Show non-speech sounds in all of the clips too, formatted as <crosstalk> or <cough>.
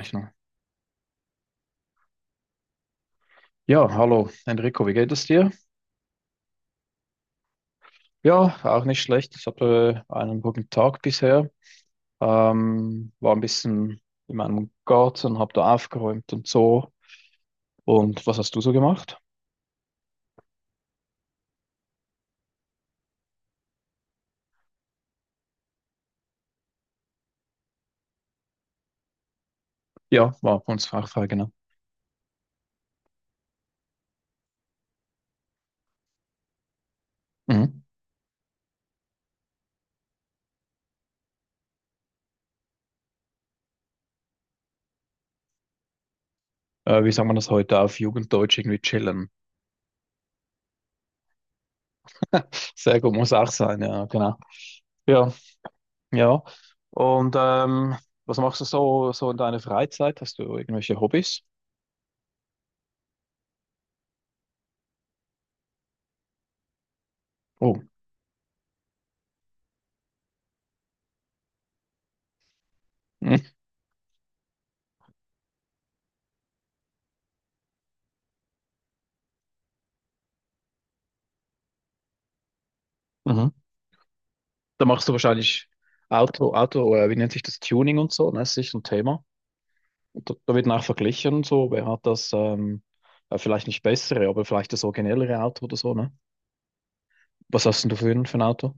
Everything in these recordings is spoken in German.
Rechnung. Ja, hallo Enrico, wie geht es dir? Ja, auch nicht schlecht. Ich hatte einen guten Tag bisher. War ein bisschen in meinem Garten, habe da aufgeräumt und so. Und was hast du so gemacht? Ja, war bei uns Fachfrage, genau. Mhm. Wie sagt man das heute auf Jugenddeutsch? Irgendwie chillen. <laughs> Sehr gut, muss auch sein, ja, genau. Ja, ja. Und was machst du so, so in deiner Freizeit? Hast du irgendwelche Hobbys? Oh. <laughs> Mhm. Da machst du wahrscheinlich wie nennt sich das, Tuning und so, ne? Das ist sicher ein Thema. Und da wird auch verglichen und so, wer hat das, vielleicht nicht bessere, aber vielleicht das originellere Auto oder so, ne? Was hast denn du für ein Auto?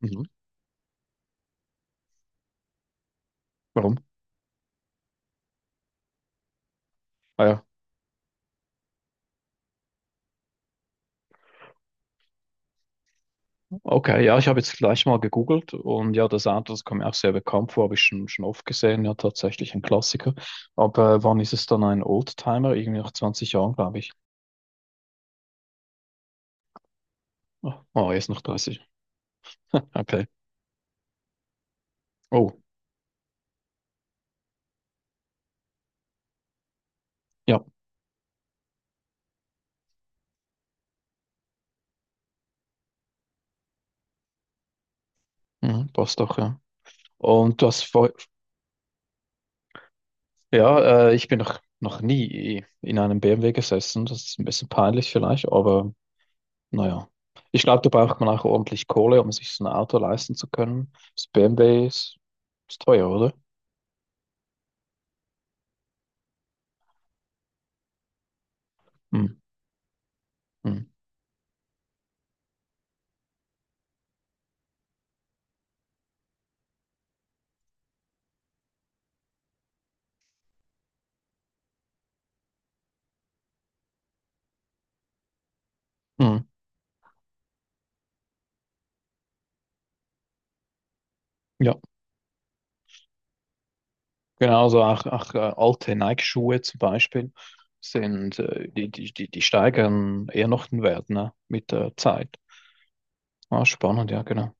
Mhm. Warum? Ah ja, okay, ja, ich habe jetzt gleich mal gegoogelt und ja, das Auto, das kommt mir auch sehr bekannt vor, habe ich schon oft gesehen, ja, tatsächlich ein Klassiker. Aber wann ist es dann ein Oldtimer? Irgendwie nach 20 Jahren, glaube ich. Ah, oh, jetzt noch 30. Okay. Oh, ja, mhm, passt doch, ja. Und du hast vor, ja, ich bin noch nie in einem BMW gesessen. Das ist ein bisschen peinlich vielleicht, aber naja. Ich glaube, da braucht man auch ordentlich Kohle, um sich so ein Auto leisten zu können. Das BMW ist teuer, oder? Hm, hm, hm. Ja, genauso auch alte Nike-Schuhe zum Beispiel sind, die steigern eher noch den Wert, ne? Mit der Zeit. Ah, spannend, ja, genau.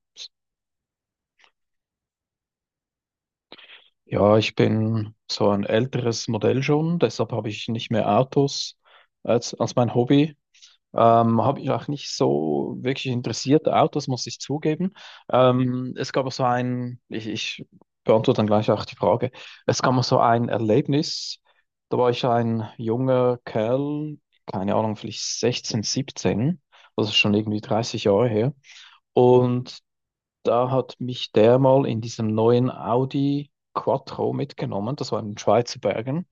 Ja, ich bin so ein älteres Modell schon, deshalb habe ich nicht mehr Autos als mein Hobby. Habe ich auch nicht so wirklich interessiert, Autos, muss ich zugeben. Es gab auch so ein, ich beantworte dann gleich auch die Frage, es gab auch so ein Erlebnis, da war ich ein junger Kerl, keine Ahnung, vielleicht 16, 17, das ist schon irgendwie 30 Jahre her. Und da hat mich der mal in diesem neuen Audi Quattro mitgenommen. Das war in den Schweizer Bergen.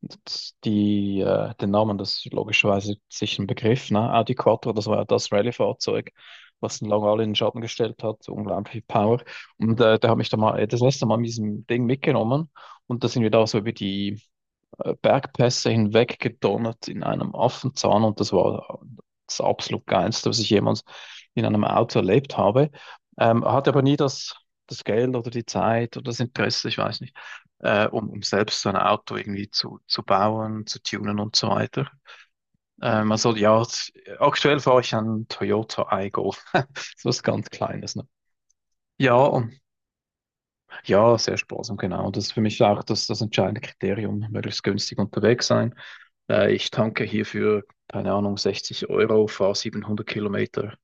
Und den Namen, das ist logischerweise sicher ein Begriff, ne? Audi Quattro, das war ja das Rallye-Fahrzeug, was den Lange alle in den Schatten gestellt hat. Unglaublich viel Power. Und der hat mich da mal das letzte Mal mit diesem Ding mitgenommen. Und da sind wir da so über die Bergpässe hinweg gedonnert in einem Affenzahn und das war das absolut Geilste, was ich jemals in einem Auto erlebt habe. Hatte aber nie das Geld oder die Zeit oder das Interesse, ich weiß nicht, um selbst so ein Auto irgendwie zu bauen, zu tunen und so weiter. Also ja, aktuell fahre ich einen Toyota Aygo, <laughs> so was ganz Kleines. Ne? Ja, und ja, sehr sparsam, genau. Das ist für mich auch das entscheidende Kriterium, möglichst günstig unterwegs sein. Ich tanke hierfür, keine Ahnung, 60 Euro, fahre 700 km.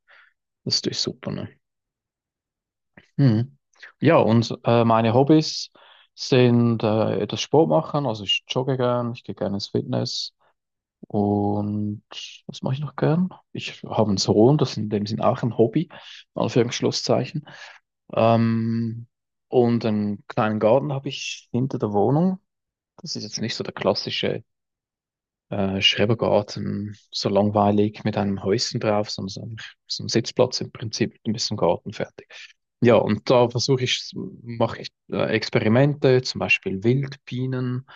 Das ist natürlich super, ne? Mhm. Ja, und meine Hobbys sind etwas Sport machen, also ich jogge gern, ich gehe gerne ins Fitness und was mache ich noch gern? Ich habe einen Sohn, das ist in dem Sinn auch ein Hobby, in Anführungsschlusszeichen. Ähm, und einen kleinen Garten habe ich hinter der Wohnung. Das ist jetzt nicht so der klassische Schrebergarten, so langweilig mit einem Häuschen drauf, sondern so ein Sitzplatz im Prinzip mit ein bisschen Garten fertig. Ja, und mache ich Experimente, zum Beispiel Wildbienen,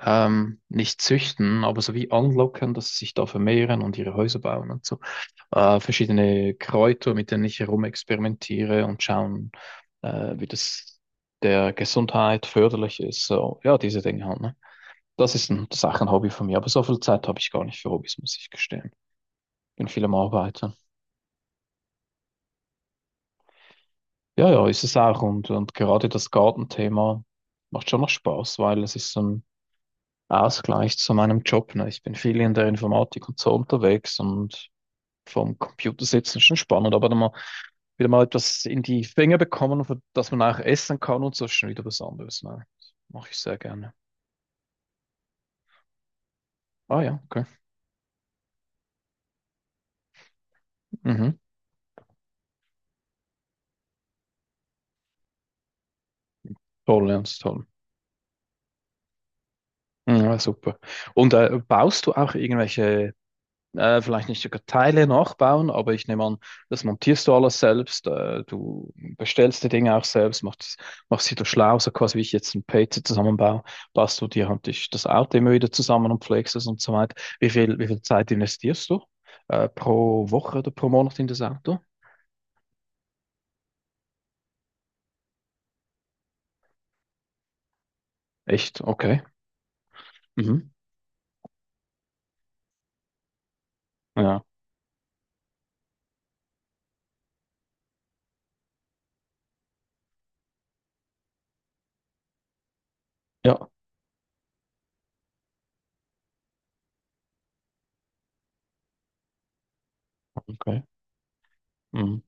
nicht züchten, aber so wie anlocken, dass sie sich da vermehren und ihre Häuser bauen und so. Verschiedene Kräuter, mit denen ich herumexperimentiere und schauen, wie das der Gesundheit förderlich ist. So, ja, diese Dinge halt, ne? Das ist auch ein Hobby von mir, aber so viel Zeit habe ich gar nicht für Hobbys, muss ich gestehen. Bin viel am Arbeiten. Ja, ja, ist es auch. Und gerade das Gartenthema macht schon noch Spaß, weil es ist so ein Ausgleich zu meinem Job. Ne? Ich bin viel in der Informatik und so unterwegs und vom Computer sitzen ist schon spannend, aber dann mal wieder mal etwas in die Finger bekommen, für das man auch essen kann und so ist schon wieder was anderes. Ne? Das mache ich sehr gerne. Ah ja, okay. Mhm. Toll, ja, das ist toll. Ja, super. Und baust du auch irgendwelche vielleicht nicht sogar Teile nachbauen, aber ich nehme an, das montierst du alles selbst. Du bestellst die Dinge auch selbst, machst sie da schlau, so quasi wie ich jetzt ein PC zusammenbaue, baust du dir halt das Auto immer wieder zusammen und pflegst es und so weiter. Wie viel Zeit investierst du pro Woche oder pro Monat in das Auto? Echt? Okay. Mhm. Ja. Ja. Okay. Mhm.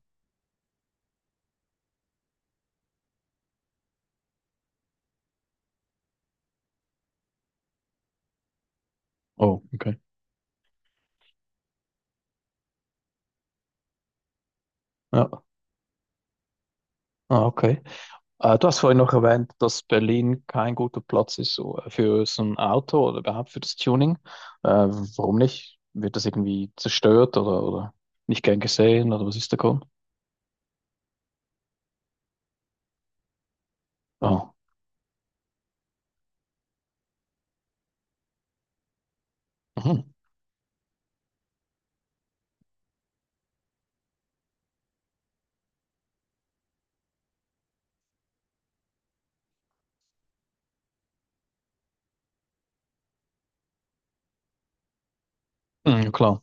Oh, okay. Ja. Ah, okay. Du hast vorhin noch erwähnt, dass Berlin kein guter Platz ist so, für so ein Auto oder überhaupt für das Tuning. Warum nicht? Wird das irgendwie zerstört oder nicht gern gesehen oder was ist der Grund? Ah, mhm. Mhm, klar.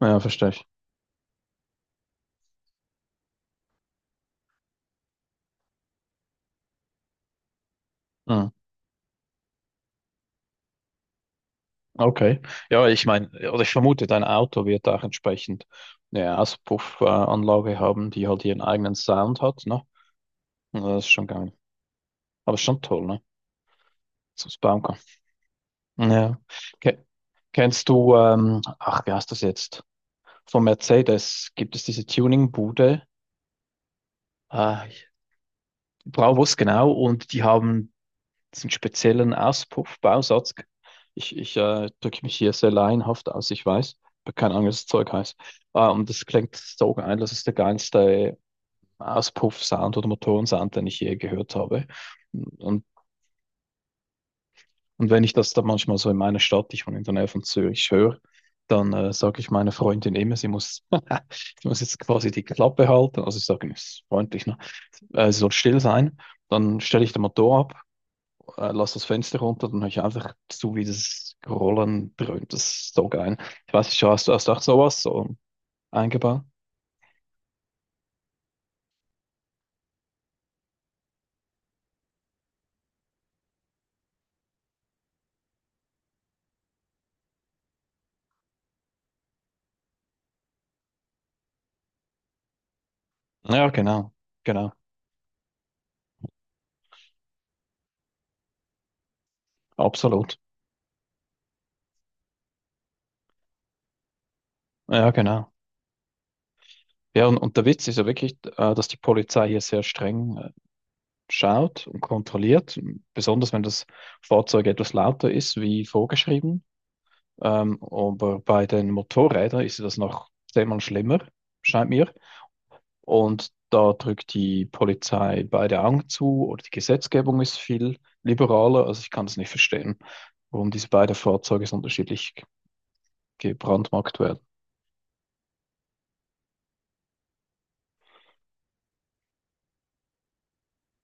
Ja, verstehe ich. Mhm. Okay. Ja, ich meine, oder ich vermute, dein Auto wird auch entsprechend eine Auspuffanlage haben, die halt ihren eigenen Sound hat, ne? Ja, das ist schon geil. Aber schon toll, ne? Dass man es bauen kann. Ja. Ke- Kennst du, ach, wie heißt das jetzt? Von Mercedes gibt es diese Tuning-Bude, äh, Braavos genau, und die haben diesen speziellen Auspuffbausatz. Ich drücke mich hier sehr laienhaft aus, ich weiß, aber keine Ahnung, was das Zeug heißt. Und das klingt so geil, das ist der geilste Auspuff-Sound oder Motorensound, den ich je gehört habe. Und Und wenn ich das dann manchmal so in meiner Stadt, ich wohne in der Nähe von Zürich, höre, dann sage ich meiner Freundin immer, <laughs> sie muss jetzt quasi die Klappe halten. Also ich sage, ist freundlich, ne? Sie soll still sein. Dann stelle ich den Motor ab, lasse das Fenster runter, dann höre ich einfach zu, wie das Rollen dröhnt. Das ist so geil. Ich weiß nicht, hast du auch sowas so eingebaut? Ja, genau, genau, absolut. Ja, genau. Ja, und der Witz ist ja wirklich, dass die Polizei hier sehr streng schaut und kontrolliert, besonders wenn das Fahrzeug etwas lauter ist wie vorgeschrieben. Aber bei den Motorrädern ist das noch zehnmal schlimmer, scheint mir. Und da drückt die Polizei beide Augen zu oder die Gesetzgebung ist viel liberaler. Also ich kann es nicht verstehen, warum diese beiden Fahrzeuge so unterschiedlich gebrandmarkt werden.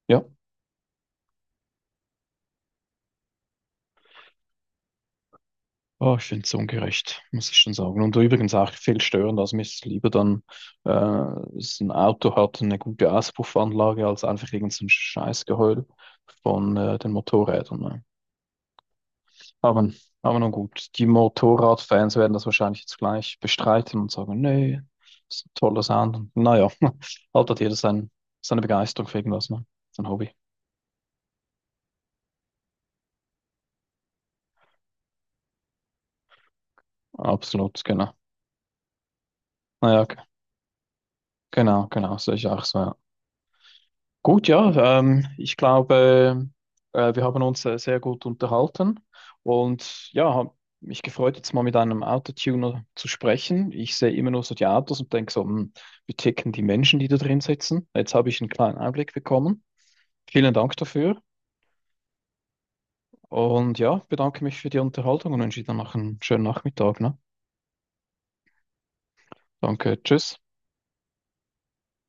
Ja. Oh, ich finde es ungerecht, muss ich schon sagen. Und übrigens auch viel störender. Also mir ist es lieber dann, dass ein Auto hat eine gute Auspuffanlage, als einfach irgend so ein Scheißgeheul von den Motorrädern. Ne? Aber, aber nun gut, die Motorradfans werden das wahrscheinlich jetzt gleich bestreiten und sagen, nee, das ist ein toller Sound. Und naja, <laughs> halt hat jeder seine Begeisterung für irgendwas, ne? Sein Hobby. Absolut, genau. Naja, genau, genau, sehe ich auch so. Ja. Gut, ja, ich glaube, wir haben uns sehr gut unterhalten und ja, habe mich gefreut, jetzt mal mit einem Autotuner zu sprechen. Ich sehe immer nur so die Autos und denke so, hm, wie ticken die Menschen, die da drin sitzen? Jetzt habe ich einen kleinen Einblick bekommen. Vielen Dank dafür und ja, bedanke mich für die Unterhaltung und wünsche dir noch einen schönen Nachmittag, ne? Danke, tschüss.